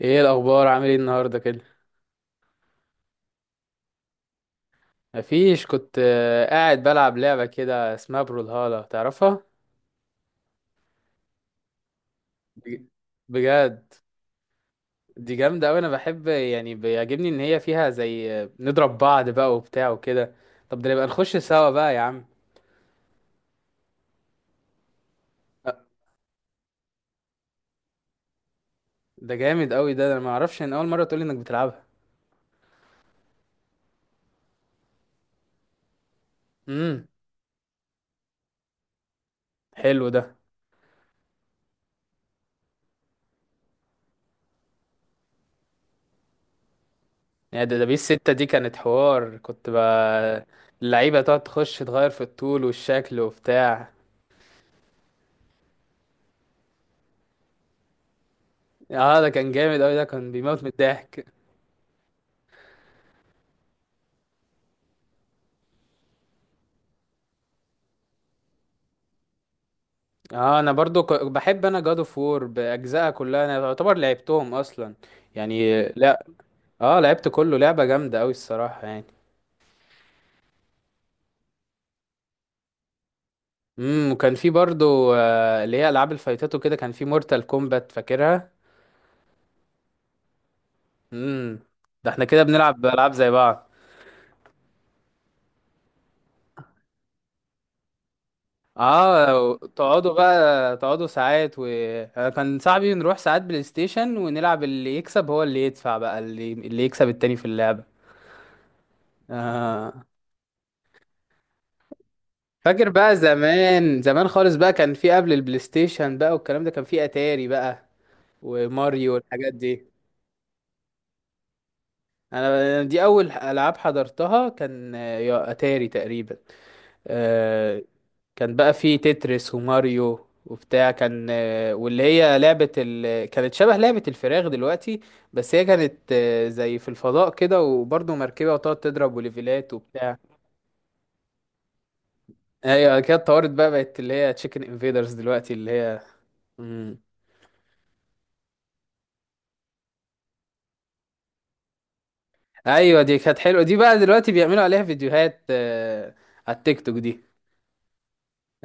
ايه الاخبار؟ عامل ايه النهارده كده؟ مفيش. كنت قاعد بلعب لعبه كده اسمها برولهالا، تعرفها؟ بج- بجد دي جامده قوي. انا بحب، يعني بيعجبني ان هي فيها زي، نضرب بعض بقى وبتاع وكده. طب ده نبقى نخش سوا بقى يا عم. أ- ده جامد قوي ده انا ما اعرفش ان اول مره تقولي انك بتلعبها. امم حلو ده. يعني ده بيس ستة دي كانت حوار، كنت بقى اللعيبه تقعد تخش تغير في الطول والشكل وبتاع. اه ده كان جامد قوي ده، كان بيموت من الضحك. اه انا برضو، بحب انا جاد اوف وور باجزائها كلها، انا يعتبر لعبتهم اصلا يعني. لا، اه لعبت كله، لعبه جامده قوي الصراحه يعني. وكان في برضو، اللي هي العاب الفايتات وكده، كان في مورتال كومبات فاكرها. امم ده احنا كده بنلعب العاب زي بعض. اه تقعدوا بقى، تقعدوا ساعات و... أنا كان صاحبي نروح ساعات بلاي ستيشن ونلعب، اللي يكسب هو اللي يدفع بقى، اللي يكسب التاني في اللعبه. اه فاكر بقى زمان زمان خالص بقى، كان في قبل البلاي ستيشن بقى والكلام ده، كان في اتاري بقى وماريو والحاجات دي. انا دي اول العاب حضرتها، كان يا اتاري تقريبا. آه، كان بقى في تتريس وماريو وبتاع، كان واللي هي لعبة كانت شبه لعبة الفراخ دلوقتي. بس هي كانت، زي في الفضاء كده وبرضه مركبة، وتقعد تضرب وليفلات وبتاع. هي كده اتطورت بقى، بقت اللي هي تشيكن انفيدرز دلوقتي اللي هي. ايوه دي كانت حلوه دي، بقى دلوقتي بيعملوا عليها فيديوهات، على التيك توك دي.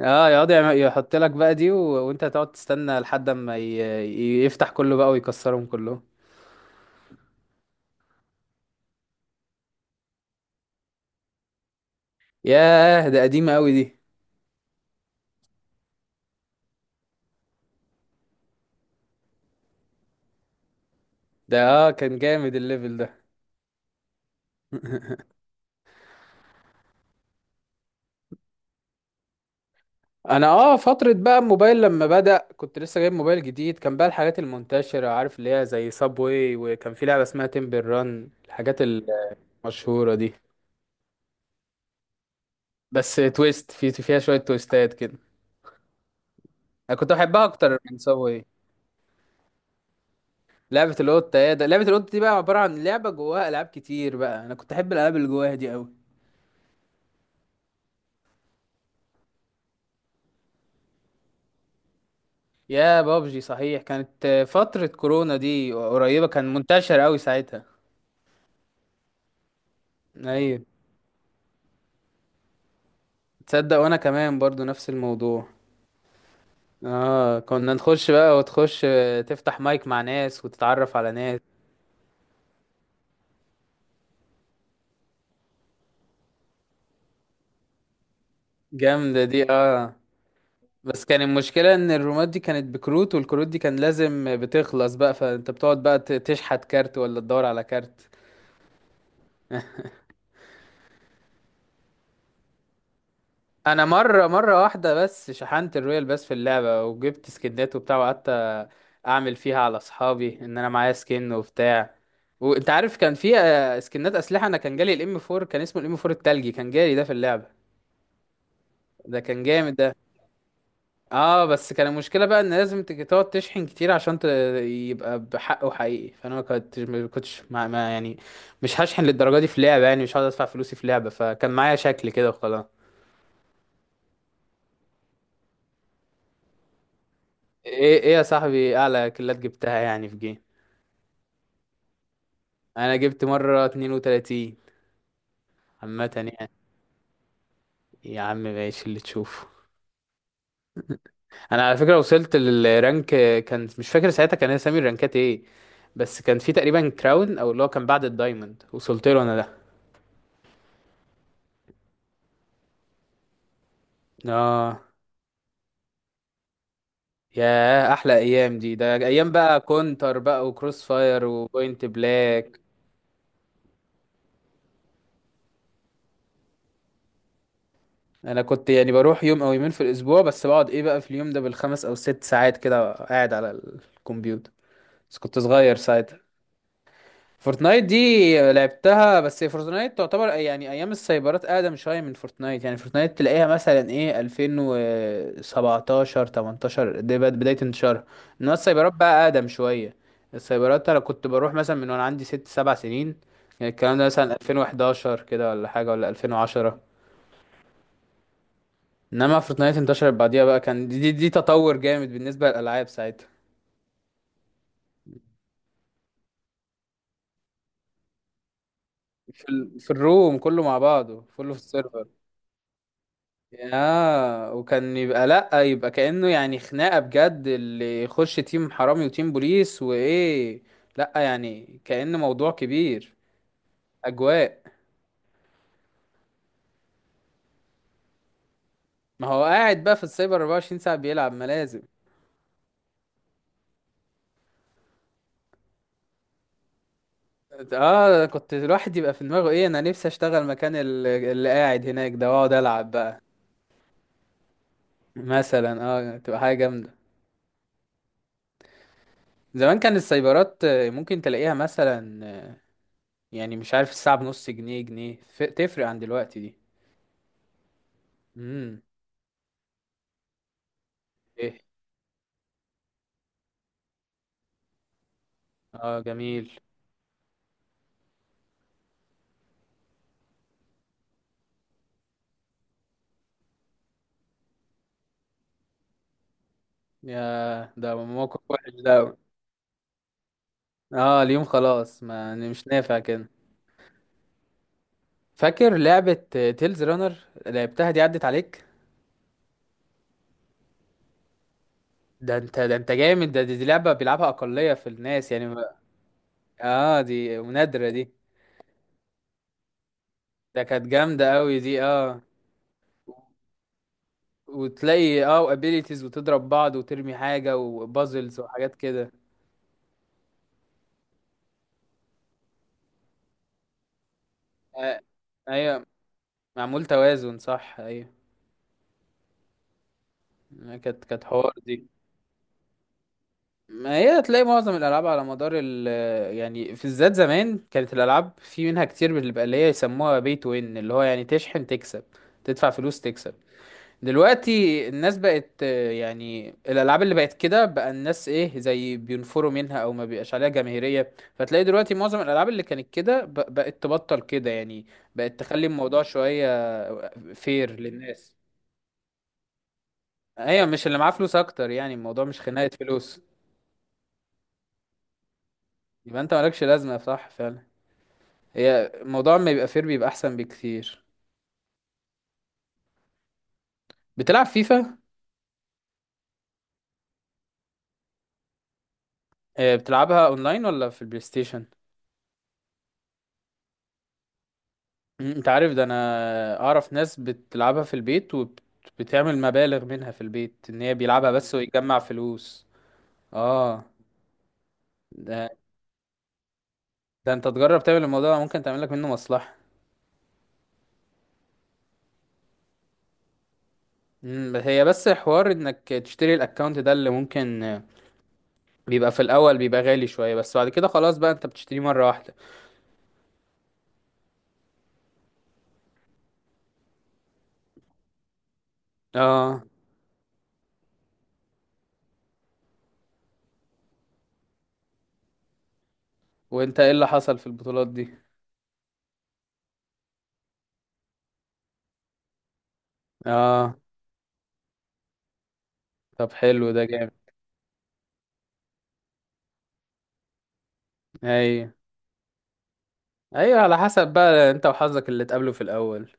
اه يقعد يحط لك بقى دي و... وانت هتقعد تستنى لحد اما يفتح كله بقى ويكسرهم كلهم. ياه ده قديمه قوي دي ده. اه كان جامد الليفل ده. انا اه، فتره بقى الموبايل لما بدأ، كنت لسه جايب موبايل جديد، كان بقى الحاجات المنتشره عارف اللي هي زي سابوي، وكان في لعبه اسمها تمبل ران، الحاجات المشهوره دي. بس تويست، في فيها شويه تويستات كده. انا كنت بحبها اكتر من سابوي. لعبة القطة؟ يا ده لعبة القطة دي بقى عبارة عن لعبة جواها ألعاب كتير بقى، أنا كنت أحب الألعاب اللي جواها دي أوي. يا بابجي صحيح، كانت فترة كورونا دي قريبة، كان منتشر أوي ساعتها. أيوة. تصدق وأنا كمان برضو نفس الموضوع. آه كنا نخش بقى، وتخش تفتح مايك مع ناس وتتعرف على ناس. جامدة دي آه. بس كان المشكلة إن الرومات دي كانت بكروت، والكروت دي كان لازم بتخلص بقى، فأنت بتقعد بقى تشحت كارت ولا تدور على كارت. انا مره، مره واحده بس شحنت الرويال بس في اللعبه، وجبت سكنات وبتاع، وقعدت اعمل فيها على اصحابي ان انا معايا سكن وبتاع. وانت عارف كان في سكنات اسلحه. انا كان جالي الام 4، كان اسمه الام 4 التلجي، كان جالي ده في اللعبه. ده كان جامد ده. اه بس كان المشكله بقى ان لازم تقعد تشحن كتير عشان يبقى بحقه حقيقي. فانا ما كنتش ما كنتش ما... ما يعني مش هشحن للدرجه دي في لعبه. يعني مش هقعد ادفع فلوسي في لعبه، فكان معايا شكل كده وخلاص. ايه يا صاحبي، اعلى كلات جبتها يعني في جيم؟ انا جبت مرة 32 عامة يعني. يا عم ماشي اللي تشوفه. انا على فكرة وصلت للرانك، كان مش فاكر ساعتها كان اسامي الرانكات ايه، بس كان في تقريبا كراون او اللي هو كان بعد الدايموند، وصلت له انا ده. اه يا احلى ايام دي، ده ايام بقى كونتر بقى وكروس فاير وبوينت بلاك. انا كنت يعني بروح يوم او يومين في الاسبوع بس، بقعد ايه بقى في اليوم ده بالخمس او ست ساعات كده قاعد على الكمبيوتر، بس كنت صغير. فورتنايت دي لعبتها، بس فورتنايت تعتبر يعني ايام السايبرات اقدم شويه من فورتنايت. يعني فورتنايت تلاقيها مثلا ايه 2017 18 دي بدايه انتشارها. انما السايبرات بقى اقدم شويه. السايبرات انا كنت بروح مثلا من وانا عندي 6 7 سنين، يعني الكلام ده مثلا 2011 كده ولا حاجه، ولا 2010. انما فورتنايت انتشرت بعديها بقى، كان دي تطور جامد بالنسبه للالعاب ساعتها. في الروم كله مع بعضه، كله في السيرفر. يا وكان يبقى لأ، يبقى كأنه يعني خناقة بجد، اللي يخش تيم حرامي وتيم بوليس وإيه. لأ يعني كأنه موضوع كبير، أجواء. ما هو قاعد بقى في السايبر 24 ساعة بيلعب، ما لازم. اه، كنت الواحد يبقى في دماغه ايه، انا نفسي اشتغل مكان اللي قاعد هناك ده واقعد العب بقى. مثلا، اه تبقى حاجة جامدة. زمان كان السايبرات، ممكن تلاقيها مثلا، يعني مش عارف الساعة بنص جنيه، جنيه، تفرق عن دلوقتي دي. امم اه جميل. يا ده موقف وحش ده أوي. اه اليوم خلاص، ما أنا مش نافع كده. فاكر لعبة تيلز رانر؟ لعبتها دي؟ عدت عليك؟ ده انت، ده انت جامد ده. دي لعبة بيلعبها أقلية في الناس يعني ما-. اه دي نادرة دي. ده كانت جامدة قوي دي اه. وتلاقي اه ابيليتيز وتضرب بعض وترمي حاجة وبازلز وحاجات كده. آه ايوه، معمول توازن، صح ايوه. كانت حوار دي. ما هي تلاقي معظم الالعاب على مدار ال... يعني في الذات زمان كانت الالعاب في منها كتير بتبقى اللي هي يسموها بي تو وين، اللي هو يعني تشحن تكسب، تدفع فلوس تكسب. دلوقتي الناس بقت يعني الالعاب اللي بقت كده بقى، الناس ايه زي بينفروا منها او ما بيبقاش عليها جماهيريه، فتلاقي دلوقتي معظم الالعاب اللي كانت كده بقت تبطل كده يعني. بقت تخلي الموضوع شويه فير للناس. ايوه، مش اللي معاه فلوس اكتر، يعني الموضوع مش خناقه فلوس. يبقى انت مالكش لازمه، صح فعلا. هي الموضوع ما يبقى فير بيبقى احسن بكتير. بتلعب فيفا؟ بتلعبها اونلاين ولا في البلاي ستيشن؟ انت عارف ده؟ انا اعرف ناس بتلعبها في البيت، وبتعمل مبالغ منها في البيت، ان هي بيلعبها بس ويجمع فلوس. اه ده ده انت تجرب تعمل الموضوع ده، ممكن تعمل لك منه مصلحة. بس هي بس حوار انك تشتري الاكونت ده، اللي ممكن بيبقى في الاول بيبقى غالي شوية، بس بعد كده خلاص بقى انت بتشتريه مرة واحدة. اه وانت ايه اللي حصل في البطولات دي؟ اه طب حلو، ده جامد. ايوه، ايوه على حسب بقى انت وحظك اللي تقابله في الاول.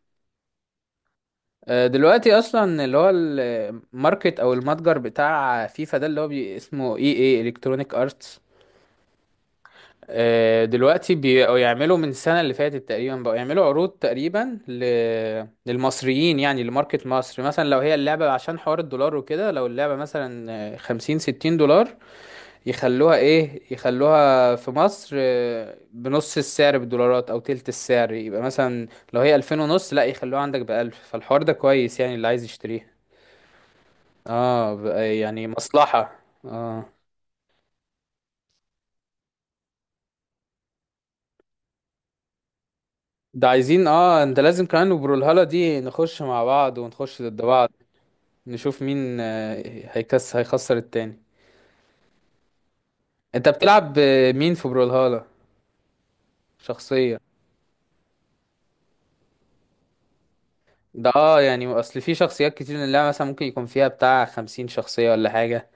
دلوقتي اصلا اللي هو الماركت او المتجر بتاع فيفا ده، اللي هو بي اسمه اي اي الكترونيك ارتس، دلوقتي بقوا يعملوا من السنه اللي فاتت تقريبا، بقوا يعملوا عروض تقريبا ل... للمصريين، يعني لماركت مصر مثلا، لو هي اللعبه عشان حوار الدولار وكده، لو اللعبه مثلا 50 60 دولار، يخلوها ايه، يخلوها في مصر بنص السعر بالدولارات او تلت السعر. يبقى مثلا لو هي 2000 ونص، لا يخلوها عندك بـ1000، فالحوار ده كويس يعني اللي عايز يشتريها. اه بقى يعني مصلحة. اه ده عايزين اه، انت لازم كمان وبرولهالة دي نخش مع بعض ونخش ضد بعض. نشوف مين هيكس هيخسر التاني. انت بتلعب مين في برولهالة؟ شخصية؟ ده اه يعني اصل في شخصيات كتير من اللعبة، مثلا ممكن يكون فيها بتاع 50 شخصية ولا حاجة.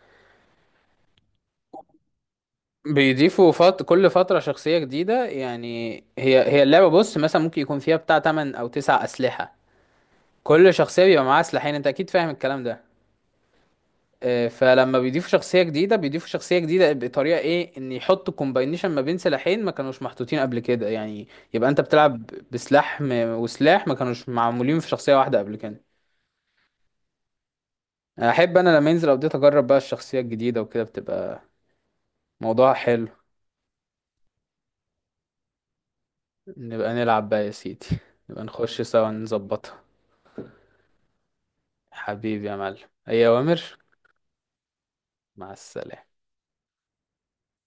بيضيفوا كل فترة شخصية جديدة، يعني هي اللعبة بص مثلا ممكن يكون فيها بتاع 8 أو 9 أسلحة. كل شخصية بيبقى معاها سلاحين، أنت أكيد فاهم الكلام ده. فلما بيضيفوا شخصية جديدة، بطريقة إيه إن يحطوا كومباينيشن ما بين سلاحين ما كانوش محطوطين قبل كده، يعني يبقى أنت بتلعب بسلاح وسلاح ما كانوش معمولين في شخصية واحدة قبل كده. أحب أنا لما ينزل أبديت أجرب بقى الشخصية الجديدة وكده، بتبقى موضوع حلو. نبقى نلعب بقى يا سيدي. نبقى نخش سوا نظبطها. حبيبي يا معلم، أي أوامر. مع السلامة.